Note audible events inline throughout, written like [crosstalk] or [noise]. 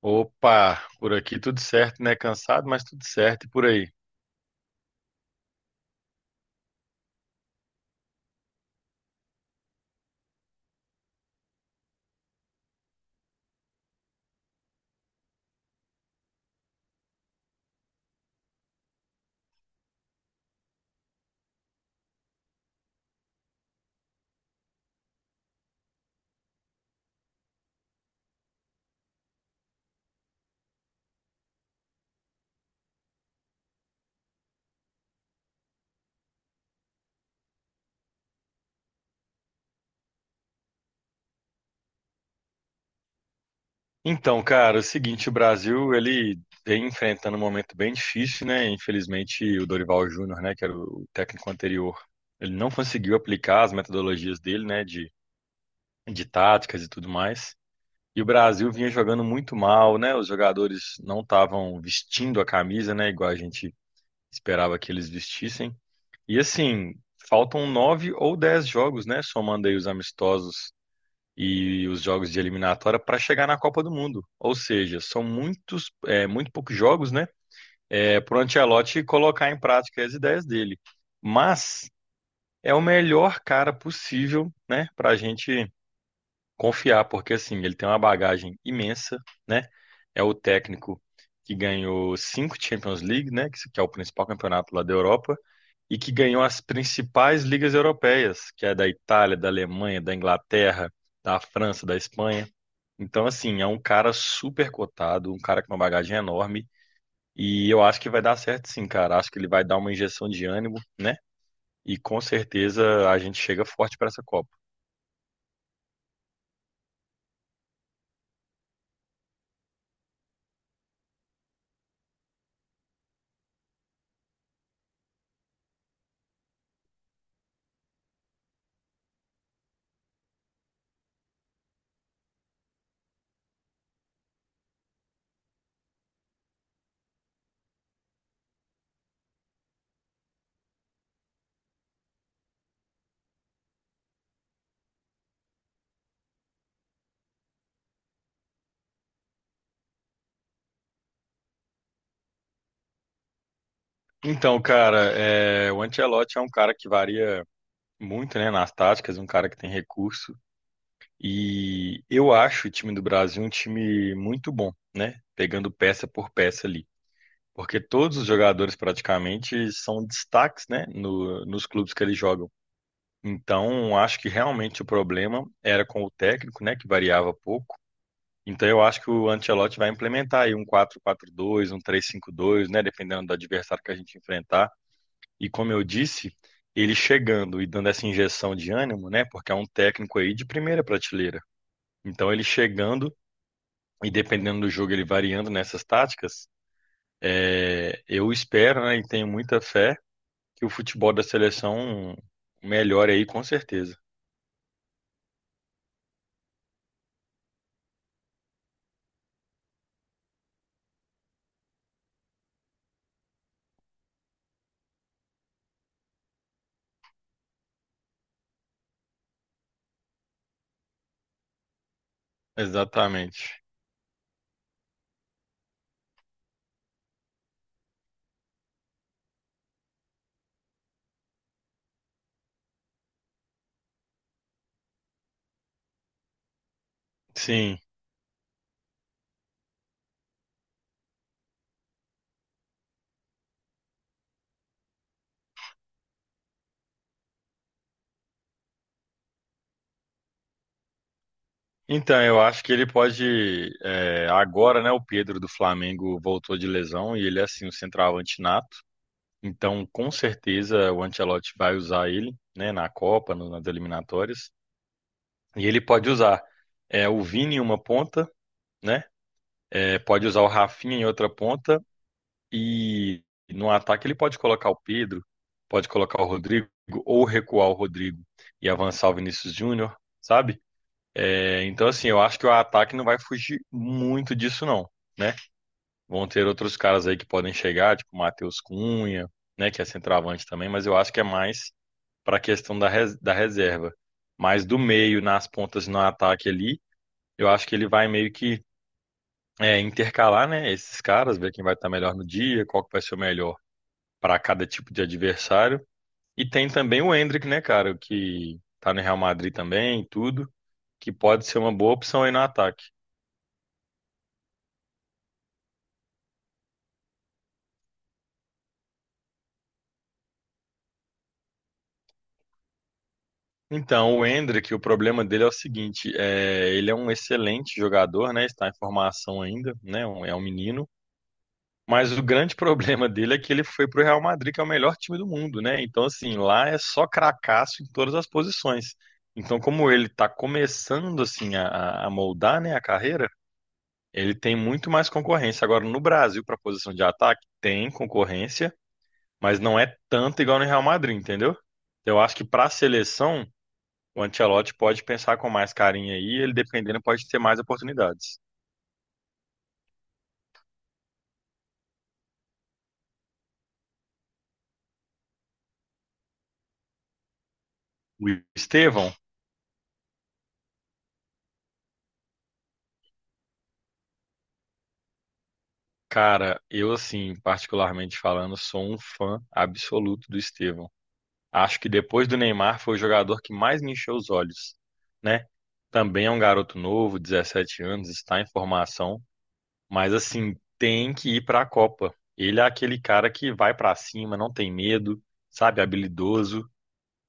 Opa, por aqui tudo certo, né? Cansado, mas tudo certo e por aí. Então, cara, é o seguinte, o Brasil, ele vem enfrentando um momento bem difícil, né? Infelizmente, o Dorival Júnior, né, que era o técnico anterior, ele não conseguiu aplicar as metodologias dele, né, de táticas e tudo mais. E o Brasil vinha jogando muito mal, né? Os jogadores não estavam vestindo a camisa, né, igual a gente esperava que eles vestissem. E assim, faltam nove ou dez jogos, né, somando aí os amistosos e os jogos de eliminatória para chegar na Copa do Mundo. Ou seja, são muitos, muito poucos jogos, né? Para o Ancelotti colocar em prática as ideias dele. Mas é o melhor cara possível, né? Para a gente confiar, porque assim, ele tem uma bagagem imensa, né? É o técnico que ganhou cinco Champions League, né? Que é o principal campeonato lá da Europa. E que ganhou as principais ligas europeias, que é da Itália, da Alemanha, da Inglaterra, da França, da Espanha. Então, assim, é um cara super cotado, um cara com uma bagagem enorme. E eu acho que vai dar certo sim, cara. Acho que ele vai dar uma injeção de ânimo, né? E com certeza a gente chega forte para essa Copa. Então, cara, o Ancelotti é um cara que varia muito, né, nas táticas, um cara que tem recurso. E eu acho o time do Brasil um time muito bom, né? Pegando peça por peça ali. Porque todos os jogadores praticamente são destaques, né, nos clubes que eles jogam. Então, acho que realmente o problema era com o técnico, né, que variava pouco. Então, eu acho que o Ancelotti vai implementar aí um 4-4-2, um 3-5-2, né, dependendo do adversário que a gente enfrentar. E como eu disse, ele chegando e dando essa injeção de ânimo, né, porque é um técnico aí de primeira prateleira. Então, ele chegando e dependendo do jogo, ele variando nessas táticas, eu espero, né, e tenho muita fé que o futebol da seleção melhore aí com certeza. Exatamente. Sim. Então, eu acho que ele pode. Agora, né? O Pedro do Flamengo voltou de lesão e ele é assim, o centroavante nato. Então, com certeza, o Ancelotti vai usar ele, né? Na Copa, nas eliminatórias. E ele pode usar o Vini em uma ponta, né? Pode usar o Rafinha em outra ponta. E no ataque ele pode colocar o Pedro, pode colocar o Rodrigo, ou recuar o Rodrigo e avançar o Vinícius Júnior, sabe? É, então, assim, eu acho que o ataque não vai fugir muito disso, não, né? Vão ter outros caras aí que podem chegar, tipo o Matheus Cunha, né, que é centroavante também, mas eu acho que é mais para a questão da reserva. Mas do meio, nas pontas, no ataque ali, eu acho que ele vai meio que intercalar, né, esses caras, ver quem vai estar melhor no dia, qual que vai ser o melhor para cada tipo de adversário. E tem também o Endrick, né, cara, que tá no Real Madrid também, e tudo, que pode ser uma boa opção aí no ataque. Então, o Endrick, o problema dele é o seguinte, ele é um excelente jogador, né? Está em formação ainda, né? É um menino. Mas o grande [laughs] problema dele é que ele foi para o Real Madrid, que é o melhor time do mundo, né? Então, assim, lá é só cracaço em todas as posições. Então, como ele está começando assim a moldar, né, a carreira, ele tem muito mais concorrência. Agora, no Brasil, para a posição de ataque, tem concorrência, mas não é tanto igual no Real Madrid, entendeu? Eu acho que para a seleção o Ancelotti pode pensar com mais carinho aí, ele dependendo pode ter mais oportunidades. O Estevão, cara, eu assim, particularmente falando, sou um fã absoluto do Estevão. Acho que depois do Neymar foi o jogador que mais me encheu os olhos, né? Também é um garoto novo, 17 anos, está em formação, mas assim, tem que ir para a Copa. Ele é aquele cara que vai para cima, não tem medo, sabe, habilidoso,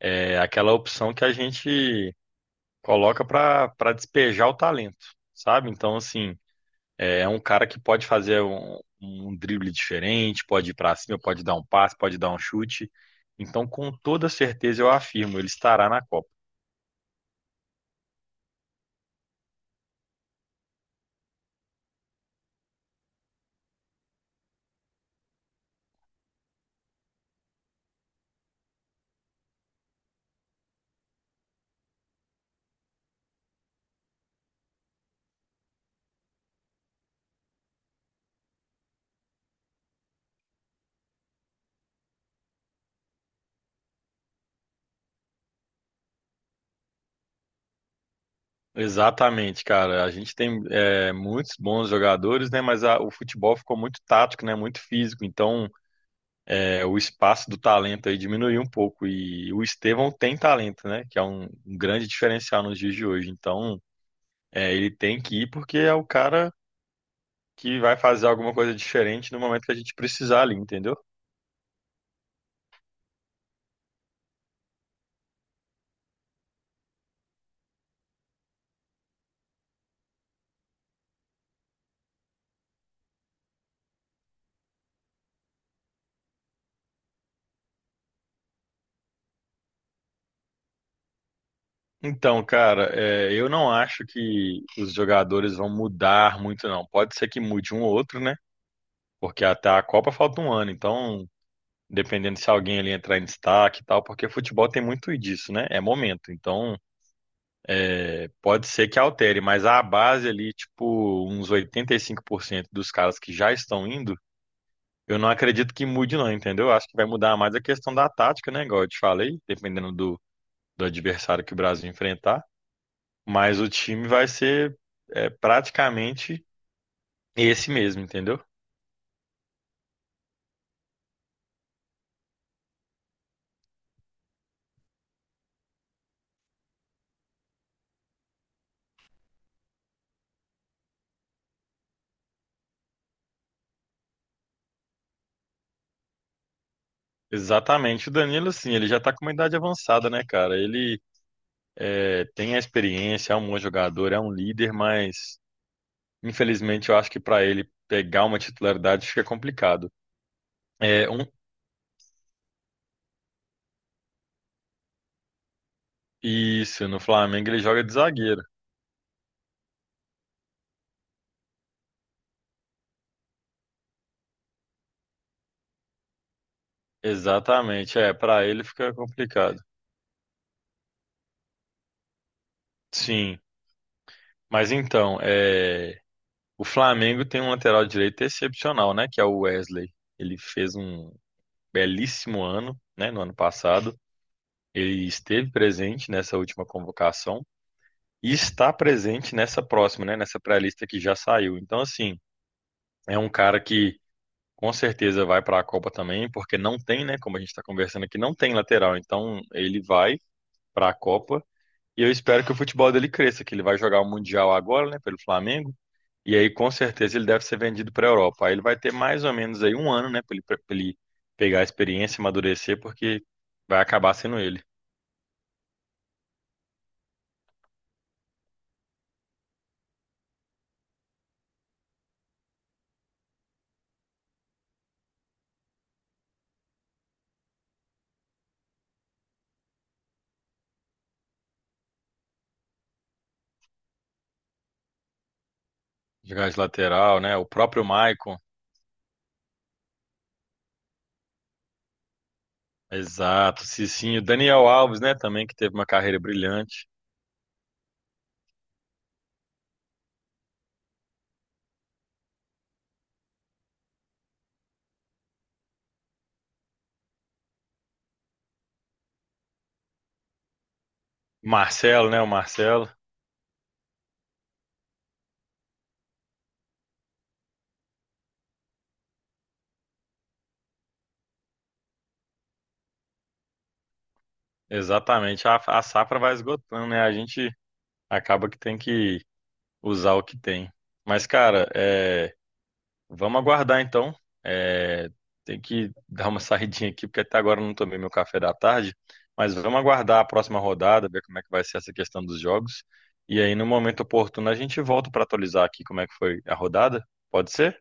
é aquela opção que a gente coloca para despejar o talento, sabe? Então, assim, é um cara que pode fazer um, drible diferente, pode ir para cima, pode dar um passe, pode dar um chute. Então, com toda certeza, eu afirmo, ele estará na Copa. Exatamente, cara. A gente tem muitos bons jogadores, né? Mas o futebol ficou muito tático, né? Muito físico. Então, o espaço do talento aí diminuiu um pouco. E o Estevão tem talento, né? Que é um grande diferencial nos dias de hoje. Então, ele tem que ir porque é o cara que vai fazer alguma coisa diferente no momento que a gente precisar ali, entendeu? Então, cara, eu não acho que os jogadores vão mudar muito, não. Pode ser que mude um ou outro, né? Porque até a Copa falta um ano, então, dependendo se alguém ali entrar em destaque e tal, porque futebol tem muito disso, né? É momento. Então, pode ser que altere, mas a base ali, tipo, uns 85% dos caras que já estão indo, eu não acredito que mude, não, entendeu? Acho que vai mudar mais a questão da tática, né? Igual eu te falei, dependendo do adversário que o Brasil enfrentar, mas o time vai ser praticamente esse mesmo, entendeu? Exatamente. O Danilo, assim, ele já tá com uma idade avançada, né, cara? Ele tem a experiência, é um bom jogador, é um líder, mas infelizmente eu acho que para ele pegar uma titularidade fica complicado. É um isso, no Flamengo ele joga de zagueiro. Exatamente, para ele fica complicado. Sim, mas então, o Flamengo tem um lateral direito excepcional, né? Que é o Wesley. Ele fez um belíssimo ano, né? No ano passado. Ele esteve presente nessa última convocação e está presente nessa próxima, né? Nessa pré-lista que já saiu. Então, assim, é um cara que com certeza vai para a Copa também, porque não tem, né? Como a gente está conversando aqui, não tem lateral. Então, ele vai para a Copa e eu espero que o futebol dele cresça, que ele vai jogar o Mundial agora, né? Pelo Flamengo. E aí, com certeza, ele deve ser vendido para a Europa. Aí ele vai ter mais ou menos aí um ano, né, pra ele pegar a experiência, amadurecer, porque vai acabar sendo ele. Jogar de lateral, né? O próprio Maicon. Exato, Cicinho. Daniel Alves, né, também, que teve uma carreira brilhante. Marcelo, né, o Marcelo. Exatamente. A safra vai esgotando, né? A gente acaba que tem que usar o que tem. Mas, cara, é. Vamos aguardar então. É, tem que dar uma [laughs] saidinha aqui, porque até agora eu não tomei meu café da tarde. Mas vamos aguardar a próxima rodada, ver como é que vai ser essa questão dos jogos. E aí, no momento oportuno, a gente volta para atualizar aqui como é que foi a rodada. Pode ser?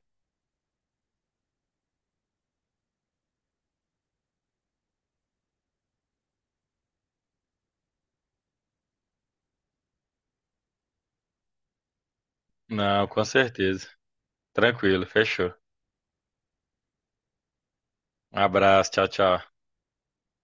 Não, com certeza. Tranquilo, fechou. Um abraço, tchau, tchau.